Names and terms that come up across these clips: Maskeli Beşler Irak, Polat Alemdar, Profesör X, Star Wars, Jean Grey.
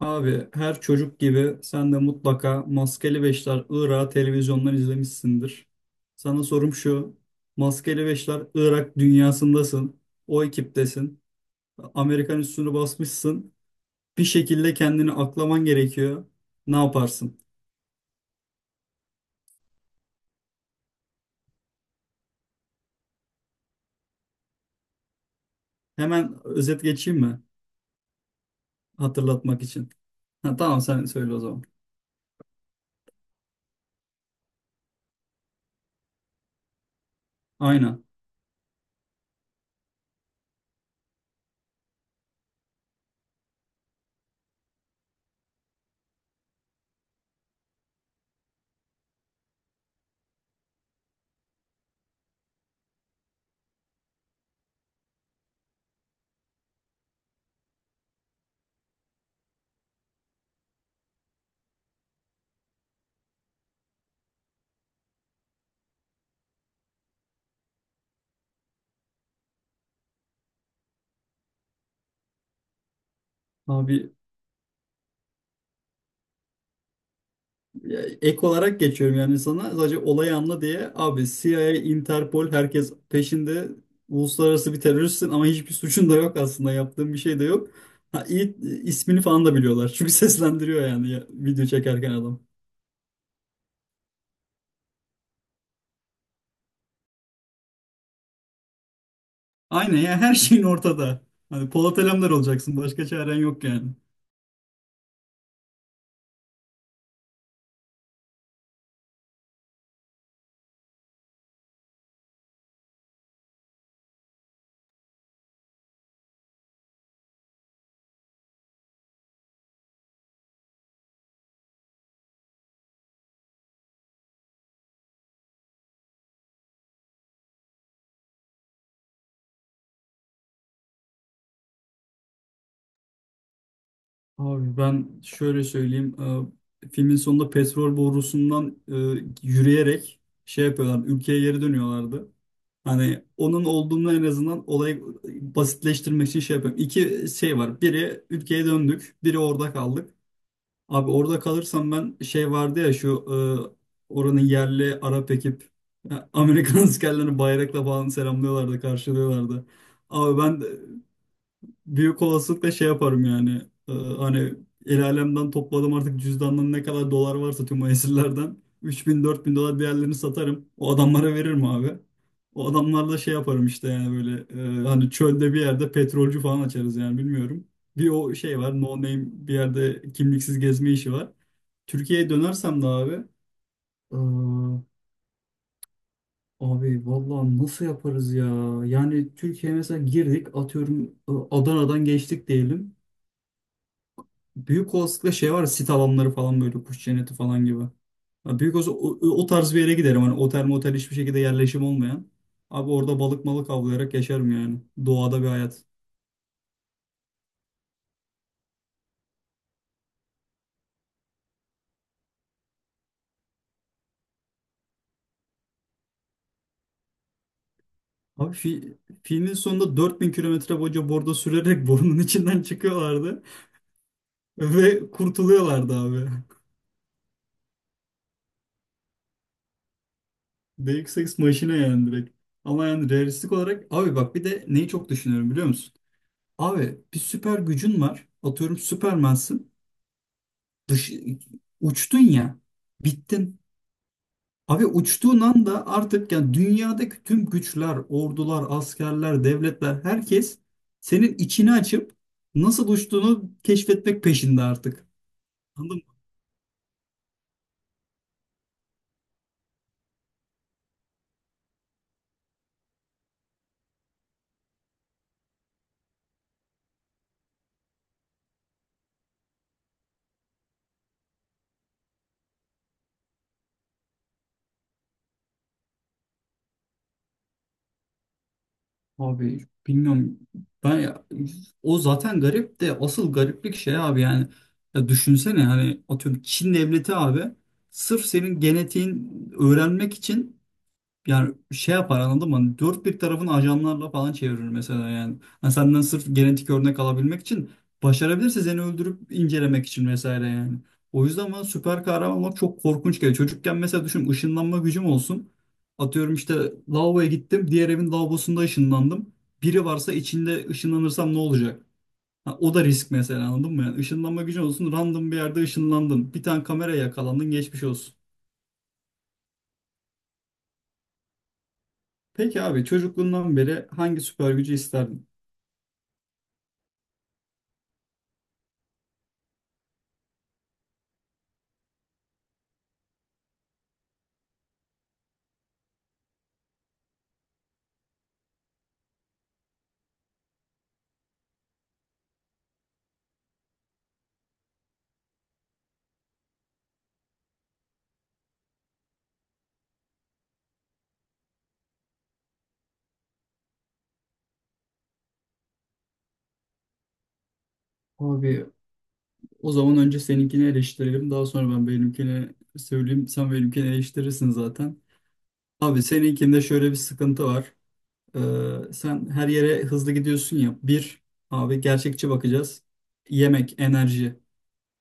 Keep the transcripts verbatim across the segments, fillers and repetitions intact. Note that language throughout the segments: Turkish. Abi her çocuk gibi sen de mutlaka Maskeli Beşler Irak'ı televizyondan izlemişsindir. Sana sorum şu. Maskeli Beşler Irak dünyasındasın. O ekiptesin. Amerikan üstünü basmışsın. Bir şekilde kendini aklaman gerekiyor. Ne yaparsın? Hemen özet geçeyim mi? Hatırlatmak için. Ha, tamam sen söyle o zaman. Aynen. Abi, ya, ek olarak geçiyorum yani, sana sadece olayı anla diye abi. C I A, Interpol, herkes peşinde. Uluslararası bir teröristsin ama hiçbir suçun da yok, aslında yaptığın bir şey de yok. Ha, iyi, ismini falan da biliyorlar çünkü seslendiriyor yani ya, video çekerken adam. Aynen ya, her şeyin ortada. Hani Polat Alemdar olacaksın, başka çaren yok yani. Abi ben şöyle söyleyeyim. E, filmin sonunda petrol borusundan e, yürüyerek şey yapıyorlar. Ülkeye geri dönüyorlardı. Hani onun olduğunu, en azından olayı basitleştirmek için şey yapıyorum. İki şey var. Biri ülkeye döndük, biri orada kaldık. Abi orada kalırsam ben şey vardı ya şu e, oranın yerli Arap ekip, ya, Amerikan askerlerini bayrakla falan selamlıyorlardı, karşılıyorlardı. Abi ben büyük olasılıkla şey yaparım yani. Ee, hani el alemden topladım artık, cüzdandan ne kadar dolar varsa tüm o esirlerden. Üç bin dört bin dolar değerlerini satarım. O adamlara veririm abi. O adamlarla şey yaparım işte yani, böyle e, hani çölde bir yerde petrolcü falan açarız yani, bilmiyorum. Bir o şey var, no name bir yerde kimliksiz gezme işi var. Türkiye'ye dönersem de abi, aa, abi vallahi nasıl yaparız ya? Yani Türkiye'ye mesela girdik, atıyorum e, Adana'dan geçtik diyelim. Büyük olasılıkla şey var ya, sit alanları falan böyle kuş cenneti falan gibi. Ya büyük olsa o, o tarz bir yere giderim. Hani otel motel hiçbir şekilde yerleşim olmayan. Abi orada balık malık avlayarak yaşarım yani. Doğada bir hayat. Abi fi- filmin sonunda dört bin kilometre boyunca bordo sürerek borunun içinden çıkıyorlardı. Ve kurtuluyorlardı abi. Deus Ex maşine yani direkt. Ama yani realistik olarak abi bak, bir de neyi çok düşünüyorum biliyor musun? Abi bir süper gücün var. Atıyorum Süpermensin. dış, Uçtun ya, bittin. Abi uçtuğun anda artık yani dünyadaki tüm güçler, ordular, askerler, devletler, herkes senin içini açıp nasıl uçtuğunu keşfetmek peşinde artık. Anladın mı? Abi bilmiyorum. Ben ya- O zaten garip, de asıl gariplik şey abi yani, ya düşünsene hani atıyorum Çin devleti abi sırf senin genetiğin öğrenmek için. Yani şey yapar, anladın mı? Hani dört bir tarafını ajanlarla falan çevirir mesela yani. Hani senden sırf genetik örnek alabilmek için, başarabilirse seni öldürüp incelemek için vesaire yani. O yüzden bana süper kahraman olmak çok korkunç geliyor. Çocukken mesela düşün, ışınlanma gücüm olsun. Atıyorum işte lavaboya gittim. Diğer evin lavabosunda ışınlandım. Biri varsa içinde ışınlanırsam ne olacak? Ha, o da risk mesela, anladın mı? Yani ışınlanma gücün olsun, random bir yerde ışınlandın, bir tane kameraya yakalandın, geçmiş olsun. Peki abi, çocukluğundan beri hangi süper gücü isterdin? Abi o zaman önce seninkini eleştirelim. Daha sonra ben benimkini söyleyeyim. Sen benimkini eleştirirsin zaten. Abi seninkinde şöyle bir sıkıntı var. Ee, sen her yere hızlı gidiyorsun ya. Bir, abi gerçekçi bakacağız. Yemek, enerji.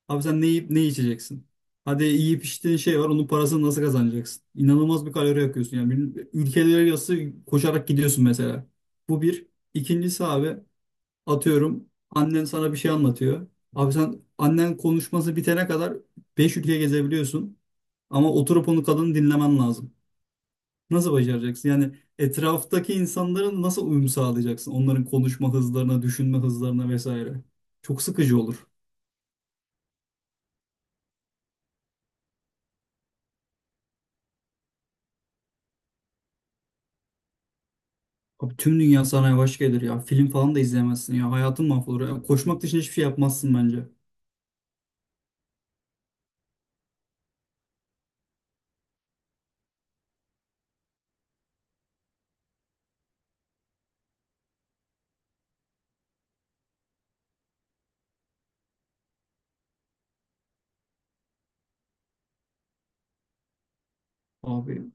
Abi sen ne yiyip ne içeceksin? Hadi yiyip içtiğin şey var. Onun parasını nasıl kazanacaksın? İnanılmaz bir kalori yakıyorsun. Yani bir- ülkeler arası koşarak gidiyorsun mesela. Bu bir. İkincisi abi. Atıyorum annen sana bir şey anlatıyor. Abi sen annen konuşması bitene kadar beş ülke gezebiliyorsun. Ama oturup onu, kadını dinlemen lazım. Nasıl başaracaksın? Yani etraftaki insanların nasıl uyum sağlayacaksın? Onların konuşma hızlarına, düşünme hızlarına vesaire. Çok sıkıcı olur. Abi tüm dünya sana yavaş gelir ya. Film falan da izleyemezsin ya. Hayatın mahvolur ya. Koşmak dışında hiçbir şey yapmazsın bence. Abi,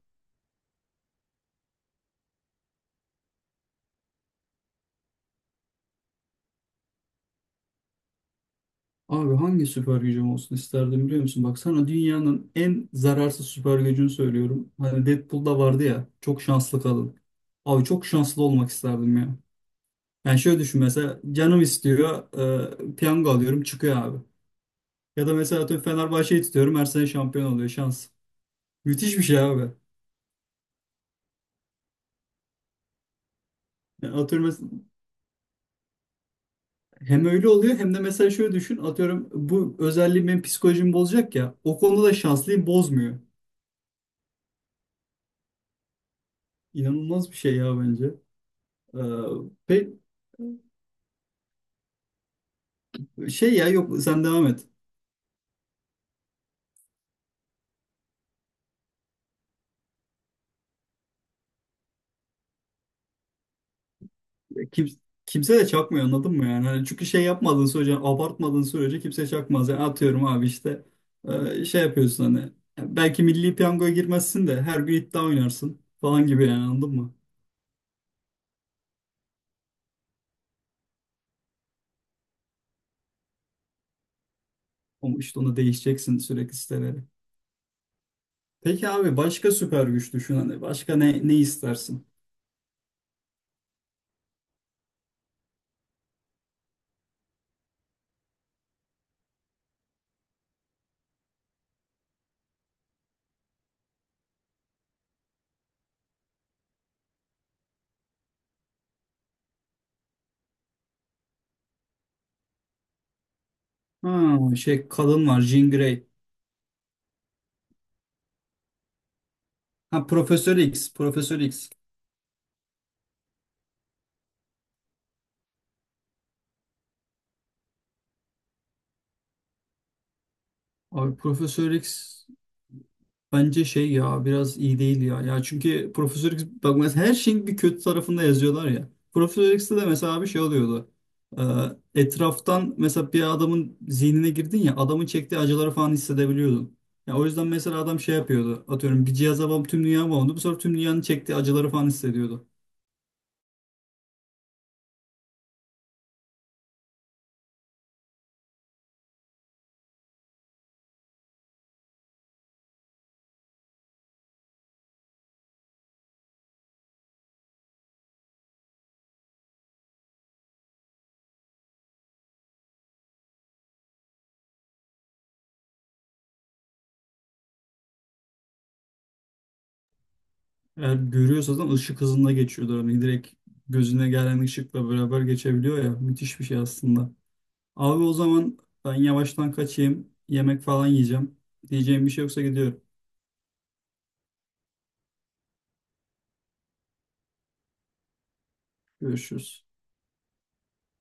abi hangi süper gücüm olsun isterdim biliyor musun? Bak sana dünyanın en zararsız süper gücünü söylüyorum. Hani Deadpool'da vardı ya, çok şanslı kadın. Abi çok şanslı olmak isterdim ya. Yani şöyle düşün, mesela canım istiyor, e, piyango alıyorum çıkıyor abi. Ya da mesela atıyorum Fenerbahçe'yi tutuyorum, her sene şampiyon oluyor, şans. Müthiş bir şey abi. Yani atıyorum mes- hem öyle oluyor, hem de mesela şöyle düşün, atıyorum bu özelliği benim psikolojimi bozacak ya, o konuda da şanslıyım, bozmuyor. İnanılmaz bir şey ya bence. Ee, Peki. Şey ya, yok, sen devam et. Kim, kimse de çakmıyor, anladın mı yani? Hani çünkü şey yapmadığın sürece, abartmadığın sürece kimse çakmaz. Yani atıyorum abi işte e, şey yapıyorsun hani. e, Belki milli piyangoya girmezsin de her gün iddia oynarsın falan gibi yani, anladın mı? Ama işte onu değişeceksin sürekli, siteleri. Peki abi, başka süper güç düşün hani. Başka ne, ne istersin? Ha, şey kadın var, Jean Grey. Ha, Profesör X, Profesör X. Abi Profesör X. Bence şey ya biraz iyi değil ya. Ya çünkü Profesör X, bak mesela her şeyin bir kötü tarafında yazıyorlar ya. Profesör X'te de mesela bir şey oluyordu. Ee, Etraftan mesela bir adamın zihnine girdin ya, adamın çektiği acıları falan hissedebiliyordun. Ya o yüzden mesela adam şey yapıyordu. Atıyorum bir cihaza bağım, tüm dünya bağımlı. Bu sefer tüm dünyanın çektiği acıları falan hissediyordu. Eğer görüyorsa zaten ışık hızında geçiyordu. Hani direkt gözüne gelen ışıkla beraber geçebiliyor ya. Müthiş bir şey aslında. Abi o zaman ben yavaştan kaçayım. Yemek falan yiyeceğim. Diyeceğim bir şey yoksa gidiyorum. Görüşürüz.